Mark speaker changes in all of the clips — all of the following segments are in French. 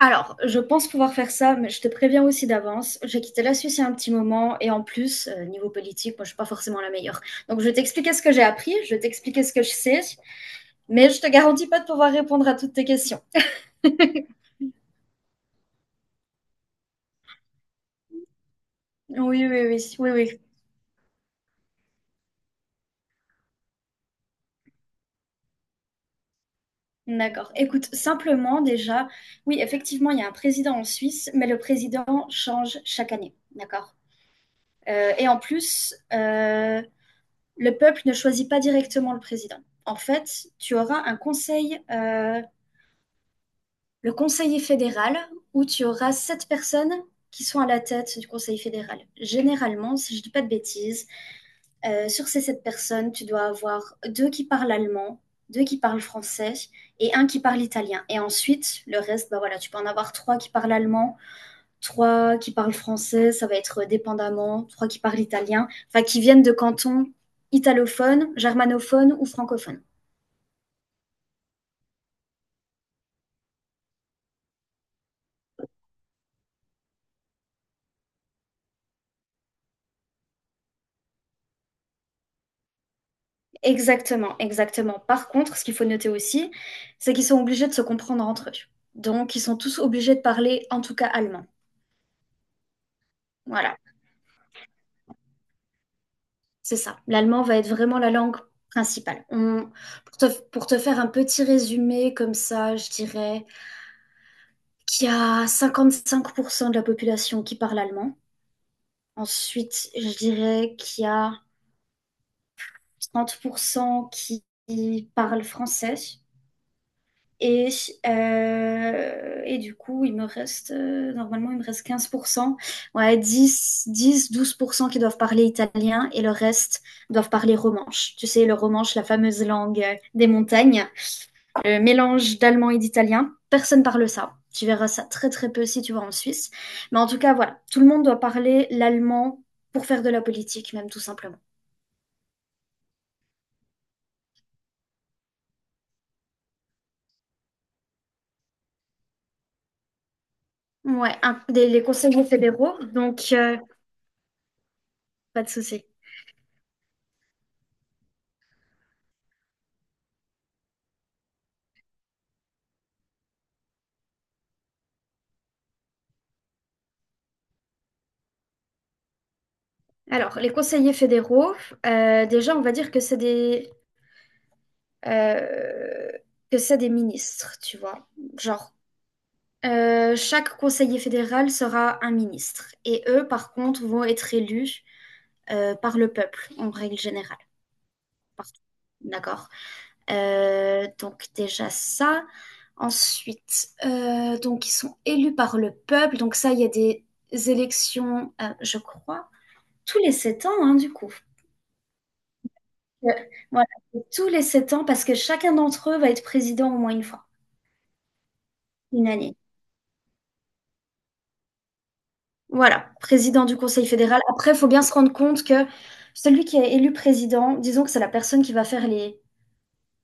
Speaker 1: Alors, je pense pouvoir faire ça, mais je te préviens aussi d'avance. J'ai quitté la Suisse il y a un petit moment, et en plus, niveau politique, moi, je suis pas forcément la meilleure. Donc, je vais t'expliquer ce que j'ai appris, je vais t'expliquer ce que je sais, mais je te garantis pas de pouvoir répondre à toutes tes questions. Oui, oui, oui, oui, oui. D'accord. Écoute, simplement déjà, oui, effectivement, il y a un président en Suisse, mais le président change chaque année. D'accord. Et en plus, le peuple ne choisit pas directement le président. En fait, tu auras un conseil le conseiller fédéral, où tu auras sept personnes qui sont à la tête du conseil fédéral. Généralement, si je ne dis pas de bêtises, sur ces sept personnes, tu dois avoir deux qui parlent allemand, deux qui parlent français et un qui parle italien. Et ensuite, le reste, bah voilà, tu peux en avoir trois qui parlent allemand, trois qui parlent français, ça va être dépendamment, trois qui parlent italien, enfin qui viennent de cantons italophones, germanophones ou francophones. Exactement, exactement. Par contre, ce qu'il faut noter aussi, c'est qu'ils sont obligés de se comprendre entre eux. Donc, ils sont tous obligés de parler, en tout cas, allemand. Voilà, c'est ça. L'allemand va être vraiment la langue principale. Pour te, pour te faire un petit résumé comme ça, je dirais qu'il y a 55% de la population qui parle allemand. Ensuite, je dirais qu'il y a 30% qui parlent français. Et, et du coup, il me reste, normalement, il me reste 15%, ouais, dix, 12% qui doivent parler italien et le reste doivent parler romanche. Tu sais, le romanche, la fameuse langue des montagnes, le mélange d'allemand et d'italien. Personne parle ça. Tu verras ça très très peu si tu vas en Suisse. Mais en tout cas, voilà, tout le monde doit parler l'allemand pour faire de la politique, même tout simplement. Ouais, les conseillers fédéraux, donc pas de souci. Alors, les conseillers fédéraux, déjà, on va dire que euh, que c'est des ministres, tu vois. Genre, chaque conseiller fédéral sera un ministre. Et eux, par contre, vont être élus par le peuple, en règle générale. Partout. D'accord? Donc, déjà ça. Ensuite, donc, ils sont élus par le peuple. Donc, ça, il y a des élections, je crois, tous les 7 ans, hein, du coup. Euh, Voilà, tous les 7 ans, parce que chacun d'entre eux va être président au moins une fois, une année. Voilà, président du Conseil fédéral. Après, il faut bien se rendre compte que celui qui est élu président, disons que c'est la personne qui va faire les,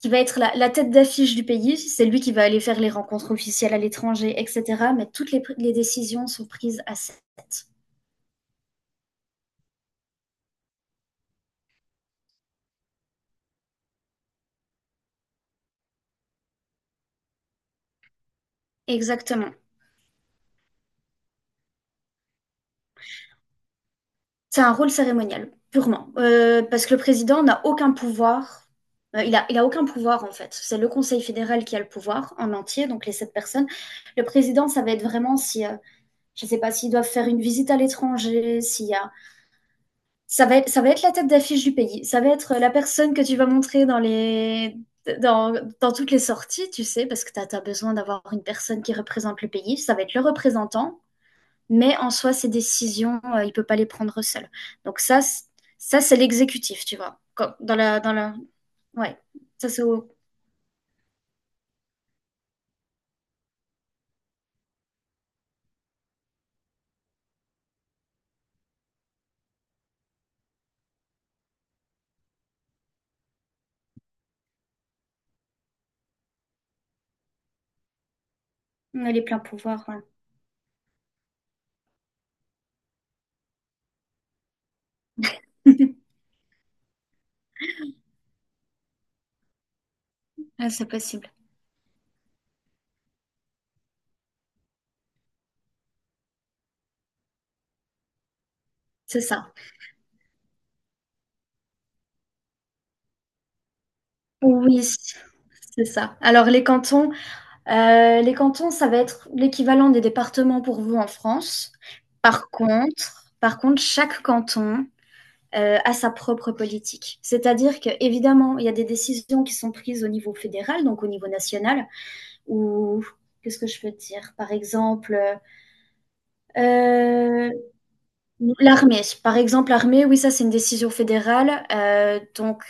Speaker 1: qui va être la, la tête d'affiche du pays, c'est lui qui va aller faire les rencontres officielles à l'étranger, etc. Mais toutes les, les décisions sont prises à sept. Exactement. C'est un rôle cérémonial, purement. Parce que le président n'a aucun pouvoir. Il a aucun pouvoir, en fait. C'est le Conseil fédéral qui a le pouvoir en entier, donc les sept personnes. Le président, ça va être vraiment si, je ne sais pas, s'ils doivent faire une visite à l'étranger, s'il y a… ça va être la tête d'affiche du pays. Ça va être la personne que tu vas montrer dans les… Dans, dans toutes les sorties, tu sais, parce que tu as besoin d'avoir une personne qui représente le pays. Ça va être le représentant, mais en soi, ses décisions, il peut pas les prendre seul. Donc ça, ça c'est l'exécutif, tu vois. Dans la, ouais, ça on a les pleins pouvoirs. Ouais. Ah, c'est possible. C'est ça. Oui, c'est ça. Alors les cantons, ça va être l'équivalent des départements pour vous en France. Par contre, chaque canton a sa propre politique. C'est-à-dire que évidemment, il y a des décisions qui sont prises au niveau fédéral, donc au niveau national, ou qu'est-ce que je peux dire? Par exemple, euh, l'armée. Par exemple, l'armée, oui, ça c'est une décision fédérale. Donc,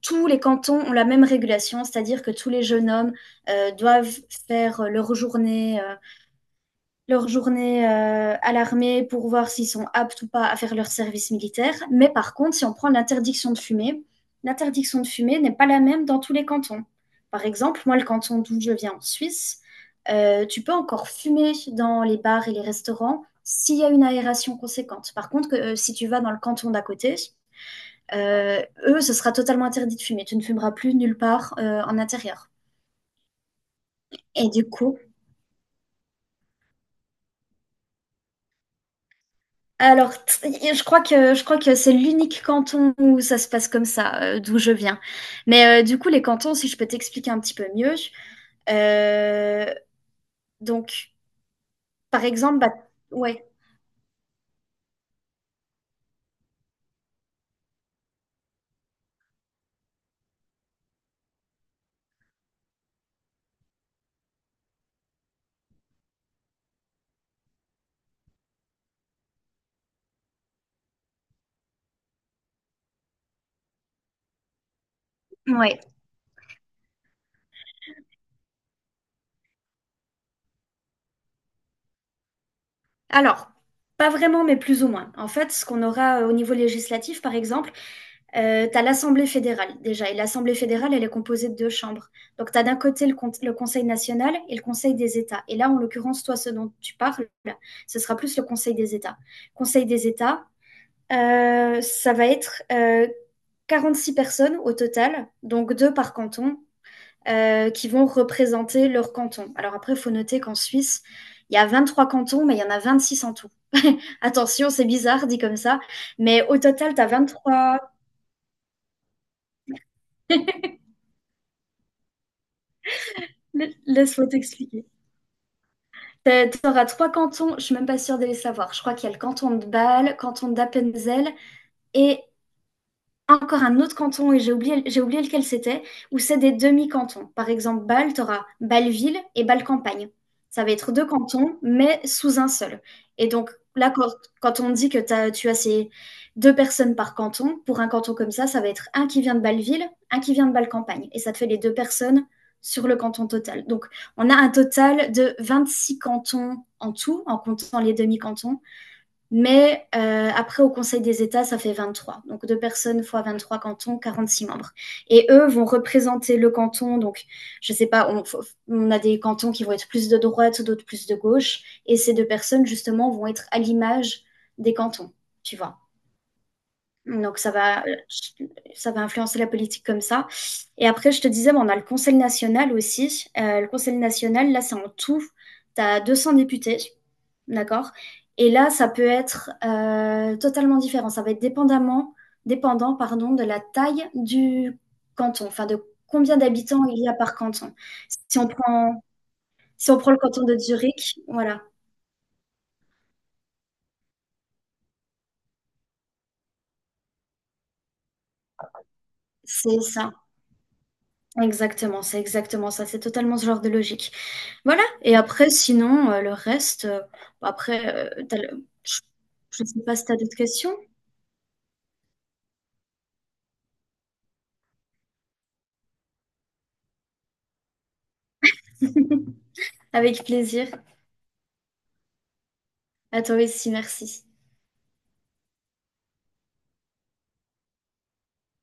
Speaker 1: tous les cantons ont la même régulation, c'est-à-dire que tous les jeunes hommes doivent faire leur journée à l'armée pour voir s'ils sont aptes ou pas à faire leur service militaire. Mais par contre, si on prend l'interdiction de fumer n'est pas la même dans tous les cantons. Par exemple, moi, le canton d'où je viens en Suisse, tu peux encore fumer dans les bars et les restaurants s'il y a une aération conséquente. Par contre, que, si tu vas dans le canton d'à côté, eux, ce sera totalement interdit de fumer. Tu ne fumeras plus nulle part en intérieur. Et du coup, alors, je crois que c'est l'unique canton où ça se passe comme ça, d'où je viens. Mais du coup, les cantons, si je peux t'expliquer un petit peu mieux. euh, donc, par exemple, bah, ouais, ouais. Alors, pas vraiment, mais plus ou moins. En fait, ce qu'on aura au niveau législatif, par exemple, t'as l'Assemblée fédérale déjà, et l'Assemblée fédérale, elle est composée de deux chambres. Donc, t'as d'un côté le, le Conseil national et le Conseil des États. Et là, en l'occurrence, toi, ce dont tu parles, ce sera plus le Conseil des États. Conseil des États. Ça va être six personnes au total, donc deux par canton, qui vont représenter leur canton. Alors après, il faut noter qu'en Suisse, il y a 23 cantons, mais il y en a 26 en tout. Attention, c'est bizarre dit comme ça, mais au total, tu as 23… Laisse-moi t'expliquer. Tu auras trois cantons, je suis même pas sûre de les savoir. Je crois qu'il y a le canton de Bâle, canton d'Appenzell et encore un autre canton, et j'ai oublié lequel c'était, où c'est des demi-cantons. Par exemple, Bâle, tu auras Bâle-Ville et Bâle-Campagne. Ça va être deux cantons, mais sous un seul. Et donc, là, quand, quand on dit que tu as ces deux personnes par canton, pour un canton comme ça va être un qui vient de Bâle-Ville, un qui vient de Bâle-Campagne. Et ça te fait les deux personnes sur le canton total. Donc, on a un total de 26 cantons en tout, en comptant les demi-cantons, mais après, au Conseil des États, ça fait 23. Donc, deux personnes fois 23 cantons, 46 membres. Et eux vont représenter le canton. Donc, je ne sais pas, on a des cantons qui vont être plus de droite, d'autres plus de gauche. Et ces deux personnes, justement, vont être à l'image des cantons, tu vois. Donc, ça va, ça va influencer la politique comme ça. Et après, je te disais, bon, on a le Conseil national aussi. Le Conseil national, là, c'est en tout. Tu as 200 députés. D'accord? Et là, ça peut être totalement différent. Ça va être dépendant, pardon, de la taille du canton, enfin de combien d'habitants il y a par canton. Si on prend, si on prend le canton de Zurich, voilà, c'est ça. Exactement, c'est exactement ça. C'est totalement ce genre de logique. Voilà. Et après, sinon, le reste, bon, après, t'as le- je ne sais pas si tu as d'autres questions. Avec plaisir. À toi aussi, merci.